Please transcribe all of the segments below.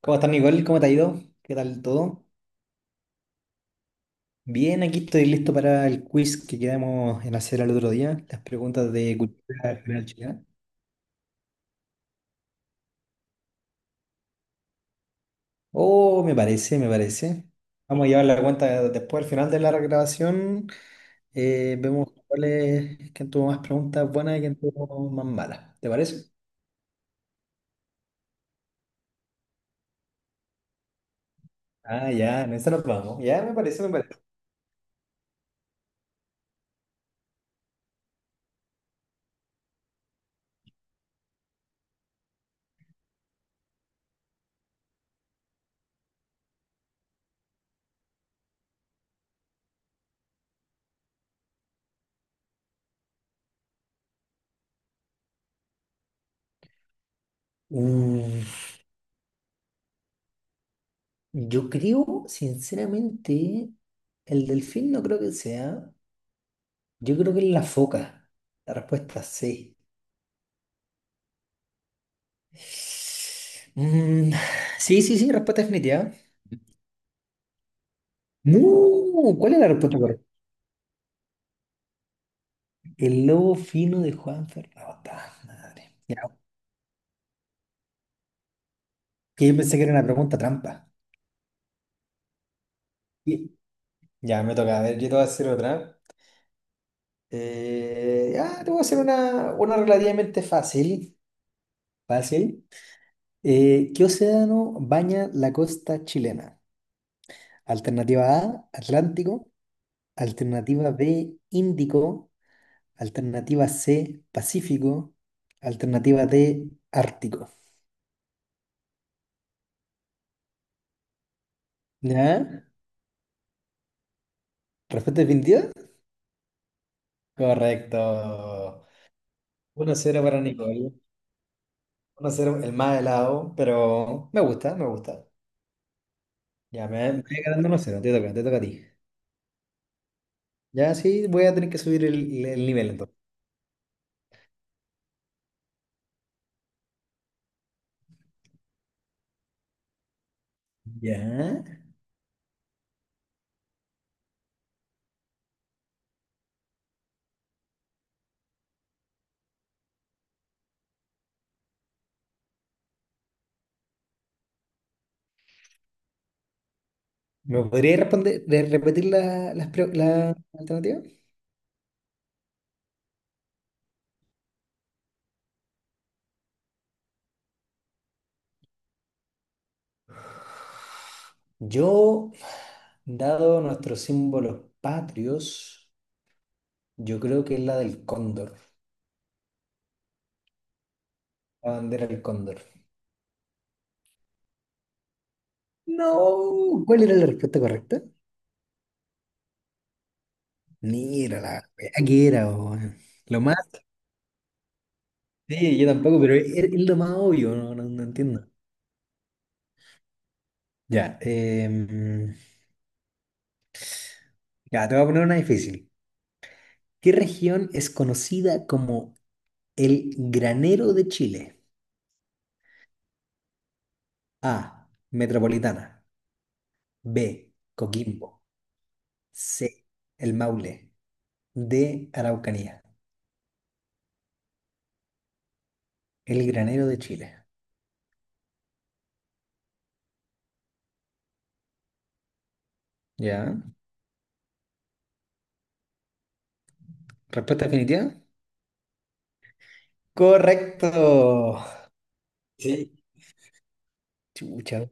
¿Cómo estás, Nicole? ¿Cómo te ha ido? ¿Qué tal todo? Bien, aquí estoy listo para el quiz que quedamos en hacer al otro día, las preguntas de cultura general chilena. Oh, me parece, me parece. Vamos a llevar la cuenta después, al final de la grabación, vemos cuál es, quién tuvo más preguntas buenas y quién tuvo más malas. ¿Te parece? Ah, ya, en esa nos vamos. Ya, me parece, me parece. Mm, yo creo, sinceramente, el delfín no creo que sea. Yo creo que es la foca. La respuesta sí. Mm, sí, sí, sí, respuesta definitiva. No, ¿cuál es la respuesta correcta? El lobo fino de Juan Ferrata. Madre. Ya, que yo pensé que era una pregunta trampa. Y- Ya, me toca. A ver, yo te voy a hacer otra. Ya, te voy a hacer una relativamente fácil. Fácil. ¿Qué océano baña la costa chilena? Alternativa A, Atlántico. Alternativa B, Índico. Alternativa C, Pacífico. Alternativa D, Ártico. ¿Ya? ¿Respuesta definitiva? Correcto. 1-0 para Nicole. Uno cero, el más helado, pero me gusta, me gusta. Ya, me voy ganando 1-0, te toca a ti. Ya, sí, voy a tener que subir el nivel entonces. Ya. ¿Me podría responder, repetir la alternativa? Yo, dado nuestros símbolos patrios. Yo creo que es la del cóndor, la bandera del cóndor. No, ¿cuál era la respuesta correcta? Mira la wea que era, weón. Lo más, sí, yo tampoco, pero es lo más obvio, no, no entiendo. Ya, ya, te voy a poner una difícil. ¿Qué región es conocida como el granero de Chile? A, Metropolitana. B, Coquimbo. C, El Maule. D, Araucanía. El granero de Chile. ¿Ya? ¿Respuesta definitiva? Correcto. Sí. Chucha,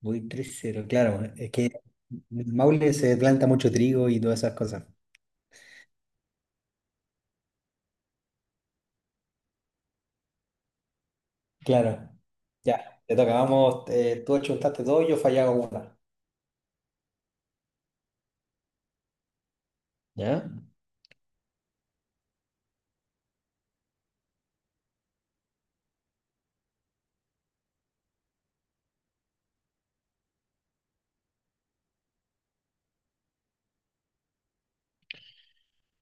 voy 3-0, claro. Es que en Maule se planta mucho trigo y todas esas cosas. Claro. Ya, te toca. Vamos, tú achuntaste dos yo fallaba una. ¿Ya?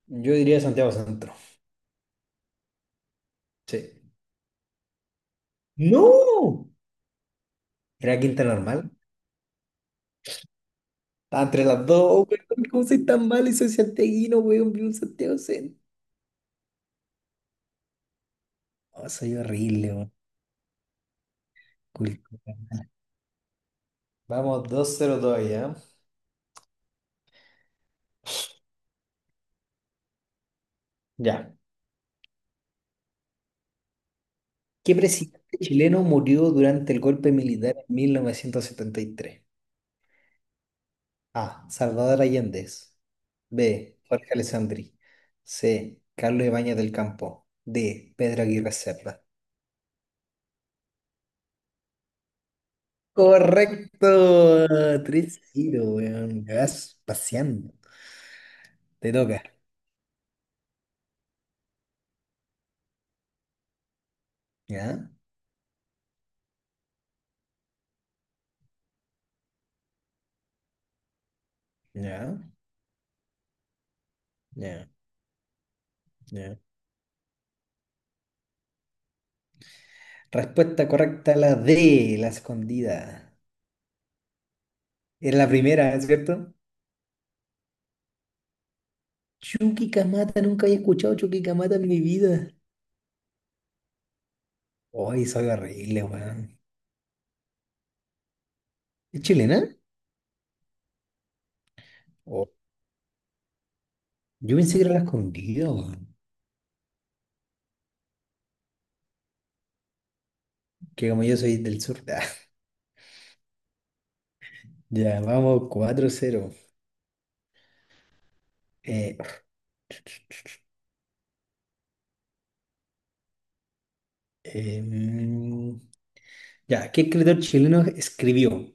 Yo diría Santiago Centro. Sí. ¡No! ¿Era Quinta Normal? Está entre las dos. Oh, weón, ¿cómo soy tan malo y soy santiaguino, weón? Vivo en Santiago Centro. Oh, soy horrible, weón. Cultura. Vamos, 2-0 todavía, ¿eh? Ya. ¿Qué presidente chileno murió durante el golpe militar en 1973? A. Salvador Allende. B. Jorge Alessandri. C. Carlos Ibáñez del Campo. D. Pedro Aguirre Cerda. Correcto. 3-0, weón. Me vas paseando. Te toca. ¿Ya? ¿Ya? ¿Ya? ¿Ya? Respuesta correcta, la D, la Escondida. Era la primera, ¿es ¿cierto? Chucky Camata, nunca había escuchado Chucky Camata en mi vida. Hoy soy horrible, weón. ¿Es chilena? Oh, yo pensé que era la Escondida, weón. Que como yo soy del sur. Ya, vamos, 4-0. Eh, eh, mm, ya, ¿qué escritor chileno escribió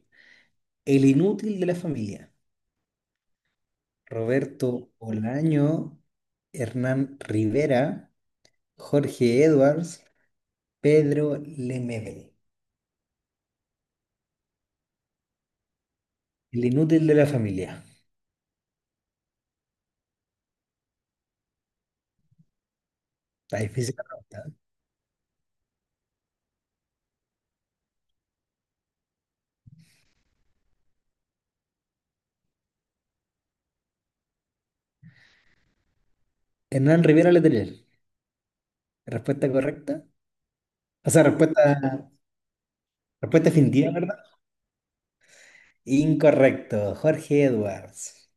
El inútil de la familia? Roberto Olaño, Hernán Rivera, Jorge Edwards, Pedro Lemebel. El inútil de la familia. Está difícil la pregunta, ¿eh? Hernán Rivera Letelier. ¿Respuesta correcta? O sea, Respuesta definitiva, ¿verdad? Incorrecto. Jorge Edwards.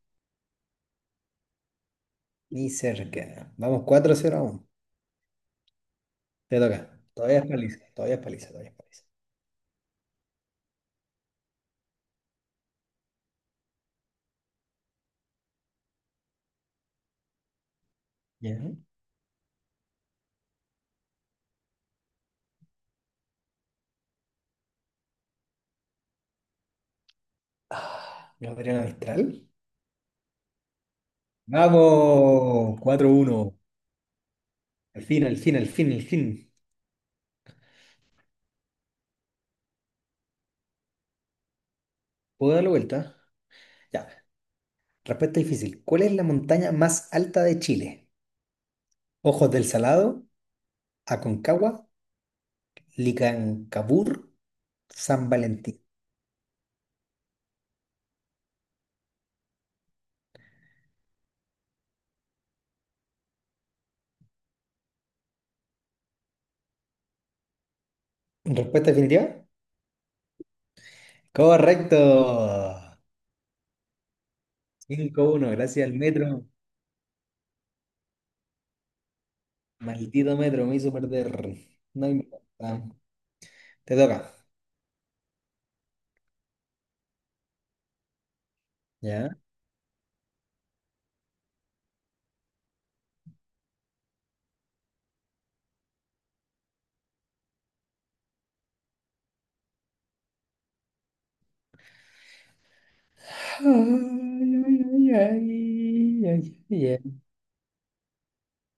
Ni cerca. Vamos 4-0 uno. Te toca. Todavía es paliza. Todavía es paliza. Todavía es paliza. Ya. Ah, Gabriela Mistral. Vamos. 4-1. Al fin, al fin, al fin, al fin. ¿Puedo dar la vuelta? Ya. Respuesta difícil. ¿Cuál es la montaña más alta de Chile? Ojos del Salado, Aconcagua, Licancabur, San Valentín. ¿Respuesta definitiva? Correcto. 5-1, gracias al metro. Maldito metro, me hizo perder. No importa. Te toca. ¿Ya? Ay, ay, ay, ay, ay, ay.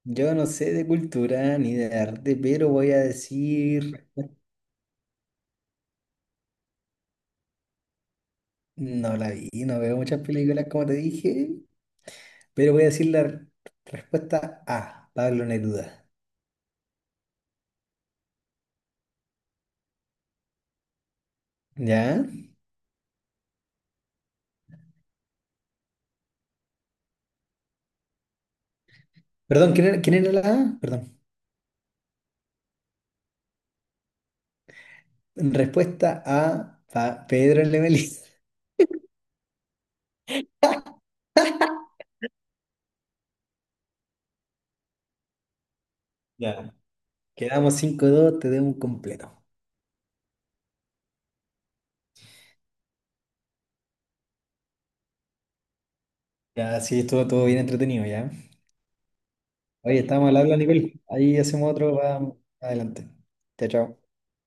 Yo no sé de cultura ni de arte, pero voy a decir... No la vi, no veo muchas películas como te dije, pero voy a decir respuesta A, Pablo Neruda. ¿Ya? Perdón, ¿quién era la A? Perdón. Respuesta A, Pedro Lemelí. Ya. Quedamos 5-2, te debo un completo. Ya, sí, estuvo todo bien entretenido, ya. Oye, estamos al habla, Nicole. Ahí hacemos otro, va, adelante. Chao, chao.